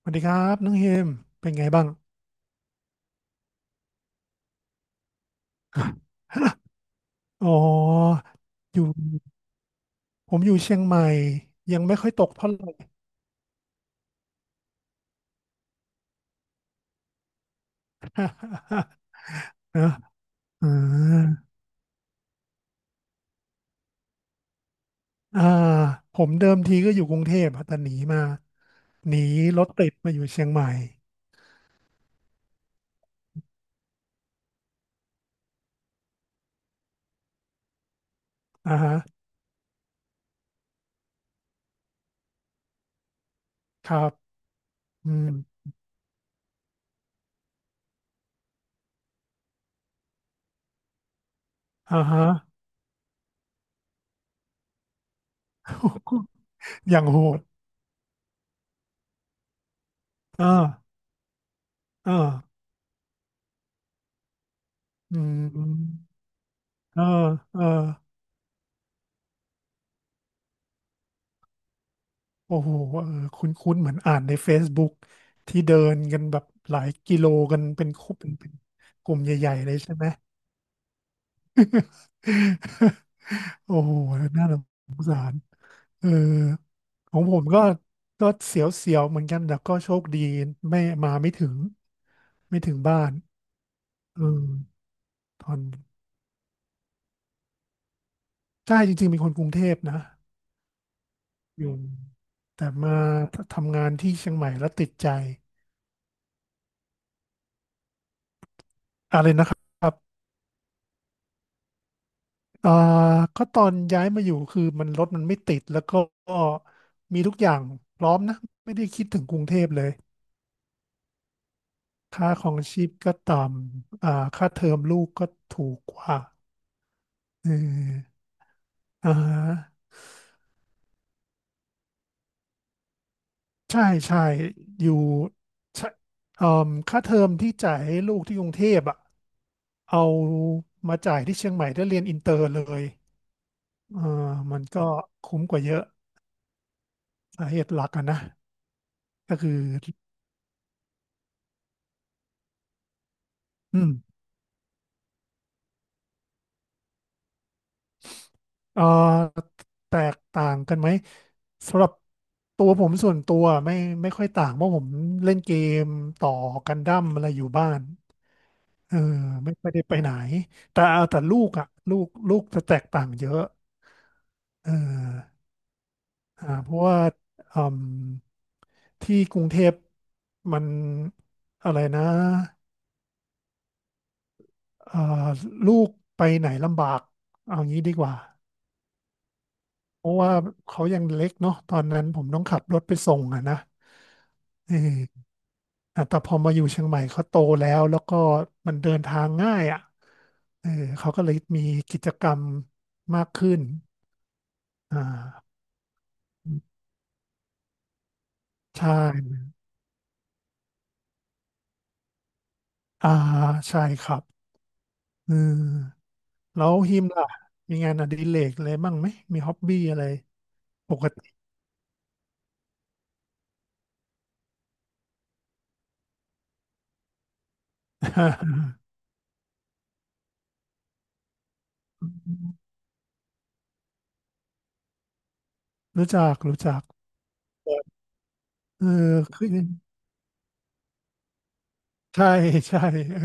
สวัสดีครับน้องเฮมเป็นไงบ้างอ๋ออยู่ผมอยู่เชียงใหม่ยังไม่ค่อยตกเท่าไหร่นะอ่าอ่าผมเดิมทีก็อยู่กรุงเทพอะแต่หนีมาหนีรถติดมาอยู่เชียงใหม่อ่าฮะครับอืมอ่าฮะ อย่างโหดอ่าอ่าอืมอ่าอ่าโอ้โหเออคุ้นๆเหมือนอ่านใน Facebook ที่เดินกันแบบหลายกิโลกันเป็นคู่เป็นกลุ่มใหญ่ๆเลยใช่ไหม โอ้โหน่าสงสารเออของผมก็เสียวๆ เหมือนกันแต่ก็โชคดีไม่มาไม่ถึง ไม่ถึงบ้านเออตอนใช่จริงๆเป็นคนกรุงเทพนะ อยู่ แต่มาทำงานที่เชียงใหม่แล้วติดใจอะไรนะครับอ่าก็ตอนย้ายมาอยู่คือมันรถมันไม่ติด แล้วก็มีทุกอย่างพร้อมนะ ไม่ได้คิดถึงกรุงเทพเลย ค่าของชีพก็ต่ำอ่าค่าเทอมลูกก็ถูกกว่าเอออ่าฮะใช่ใช่อยู่ใช่เอ่อค่าเทอมที่จ่ายให้ลูกที่กรุงเทพอ่ะเอามาจ่ายที่เชียงใหม่ได้เรียนอินเตอร์เลยเออมันก็คุ้มกว่าเยอะสาเหตุหลักอะนะ ก็คืออืมเอ่อแตกต่างกันไหม สำหรับตัวผมส่วนตัวไม่ค่อยต่างเพราะผมเล่นเกมต่อกันดั้มอะไรอยู่บ้าน เออไม่ได้ไปไหนแต่เอาแต่ลูกอ่ะลูกจะแตกต่างเยอะเอออ่าเพราะว่าอืมที่กรุงเทพมันอะไรนะเอ่อลูกไปไหนลำบากเอางี้ดีกว่าเพราะว่าเขายังเล็กเนาะตอนนั้นผมต้องขับรถไปส่งอะนะเอออ่ะแต่พอมาอยู่เชียงใหม่เขาโตแล้วก็มันเดินทางง่ายอ่ะเออเขาก็เลยมีกิจกรรมมากขึ้นอ่า ใช่ อ่า ใช่ครับอืมแล้วฮิมล่ะมีงานอดิเรกอะไรบ้างไหม มีฮ็อบบี้อะไร ปกติ รู้จัก รู้จัก เออคือใช่ ใช่ เออ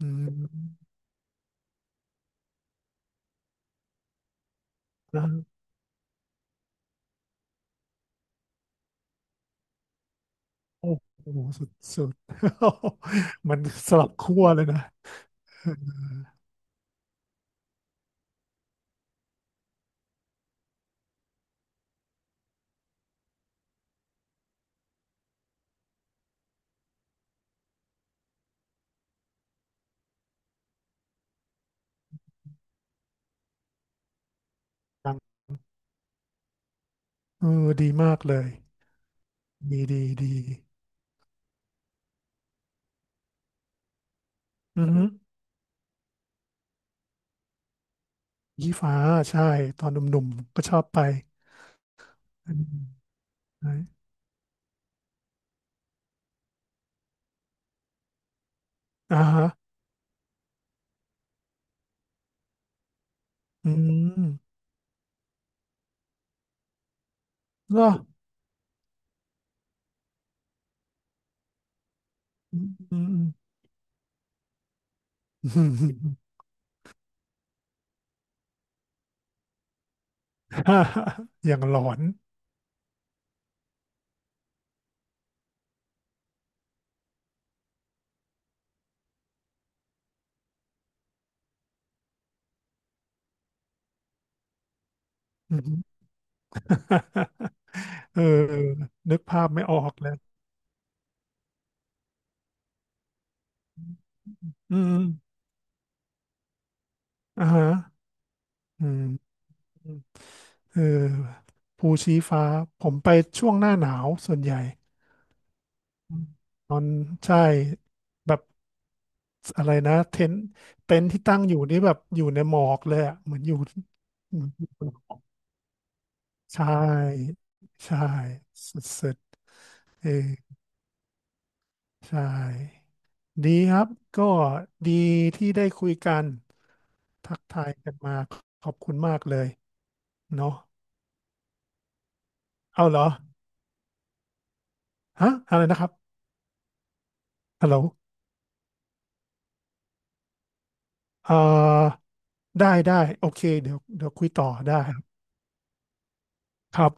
อืมนะโอ้โห สุด สุด มันสลับขั้วเลยนะเออดังเออดีมากเลยดีอือฮึยี่ฟ้าใช่ตอนหนุ่มๆก็ชอบไปอืมใช่อ่าฮะอืมเหรอ อืมอืมอืม อย่างหลอนอืม เออนึกภาพไม่ออกเลยอืมอ่าฮะอืมอืมเออภูชี้ฟ้า ผมไปช่วงหน้าหนาวส่วนใหญ่อืมตอนใช่ แบบอะไรนะเต็นท์เต็นท์ที่ตั้งอยู่นี่แบบอยู่ในหมอกเลยอะเหมือนอยู่เหมือนอยู่ ใช่ ใช่ สุดๆเออ ใช่ดีครับก็ดีที่ได้คุยกันทักทายกันมาขอบคุณมากเลยเนาะเอาเหรอฮะอะไรนะครับฮัลโหลเอ่อได้ได้โอเคเดี๋ยวคุยต่อได้ครับครับ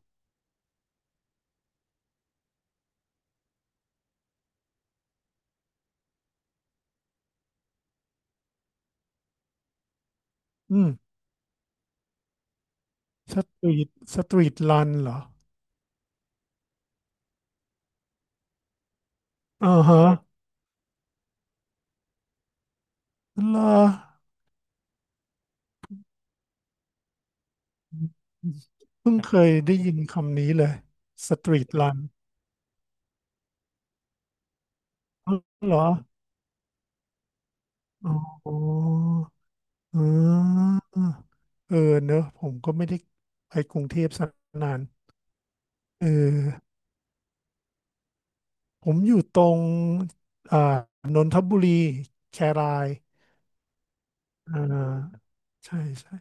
อืมสตรีทสตรีทรันเหรออ่าฮะเหรอเพิ่งเคยได้ยินคำนี้เลยสตรีทรันเหรออ๋อ อ๋อเออเนอะผมก็ไม่ได้ไปกรุงเทพสกนาน เออผมอยู่ตรงอ่านนทบุรีแครายอ่าใช่ใช่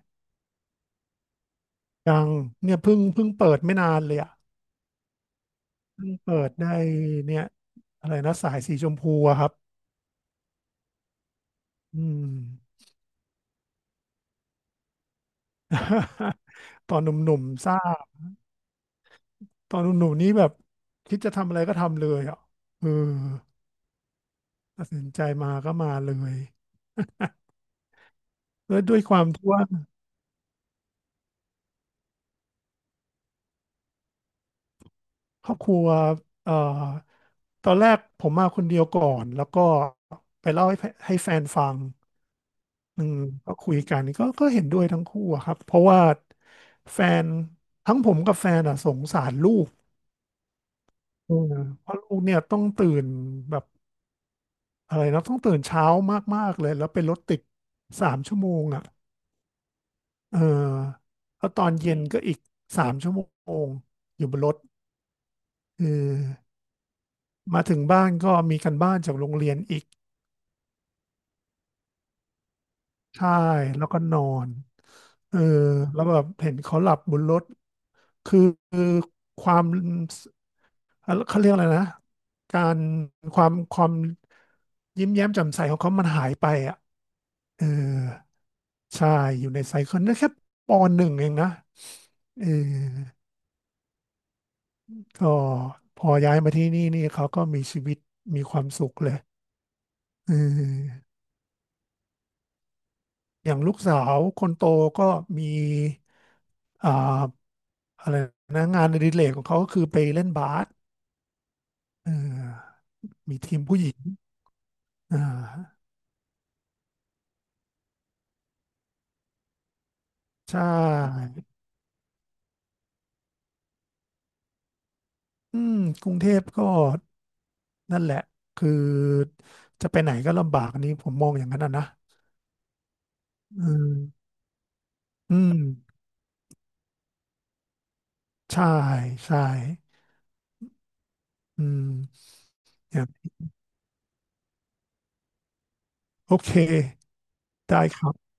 ยังเนี่ยเพิ่งเปิดไม่นานเลยอ่ะเพิ่งเปิดได้เนี่ยอะไรนะสายสีชมพูอะครับอืม ตอนหนุ่มๆทราบตอนหนุ่มๆนี่แบบคิดจะทำอะไรก็ทำเลยอ่ะเออตัดสินใจมาก็มาเลยแล้วด้วยความที่ว่า ครอบครัวเอ่อตอนแรกผมมาคนเดียวก่อน แล้วก็ไปเล่าให้แฟนฟังอืมก็คุยกันก็เห็นด้วยทั้งคู่อะครับ เพราะว่าแฟนทั้งผมกับแฟนอ่ะสงสารลูกเออเพราะลูกเนี่ยต้องตื่นแบบอะไรนะต้องตื่นเช้ามากๆเลยแล้วเป็นรถติดสามชั่วโมงอ่ะเออแล้วตอนเย็นก็อีกสามชั่วโมงอยู่บนรถเออมาถึงบ้านก็มีการบ้านจากโรงเรียนอีก ใช่แล้วก็นอนเออแล้วแบบเห็นเขาหลับบนรถคือคือความเขาเรียกอะไรนะ การความยิ้มแย้มแจ่มใสของเขามันหายไปอ่ะเออใช่ อยู่ในไซเคิลนั่นแค่ปหนึ่งเองนะเออก็พอย้ายมาที่นี่นี่เขาก็มีชีวิตมีความสุขเลยเอออย่างลูกสาวคนโตก็มีอ่า อะไรนะงานอดิเรกของเขาก็คือไปเล่นบาสเออมีทีมผู้หญิงอ่าใช่อืมกรุงเทพก็นั่นแหละคือจะไปไหนก็ลำบากอันนี้ผมมองอย่างนั้นอะนะอืมอืมใช่ใช่อืมอย่างโอเคได้ครับ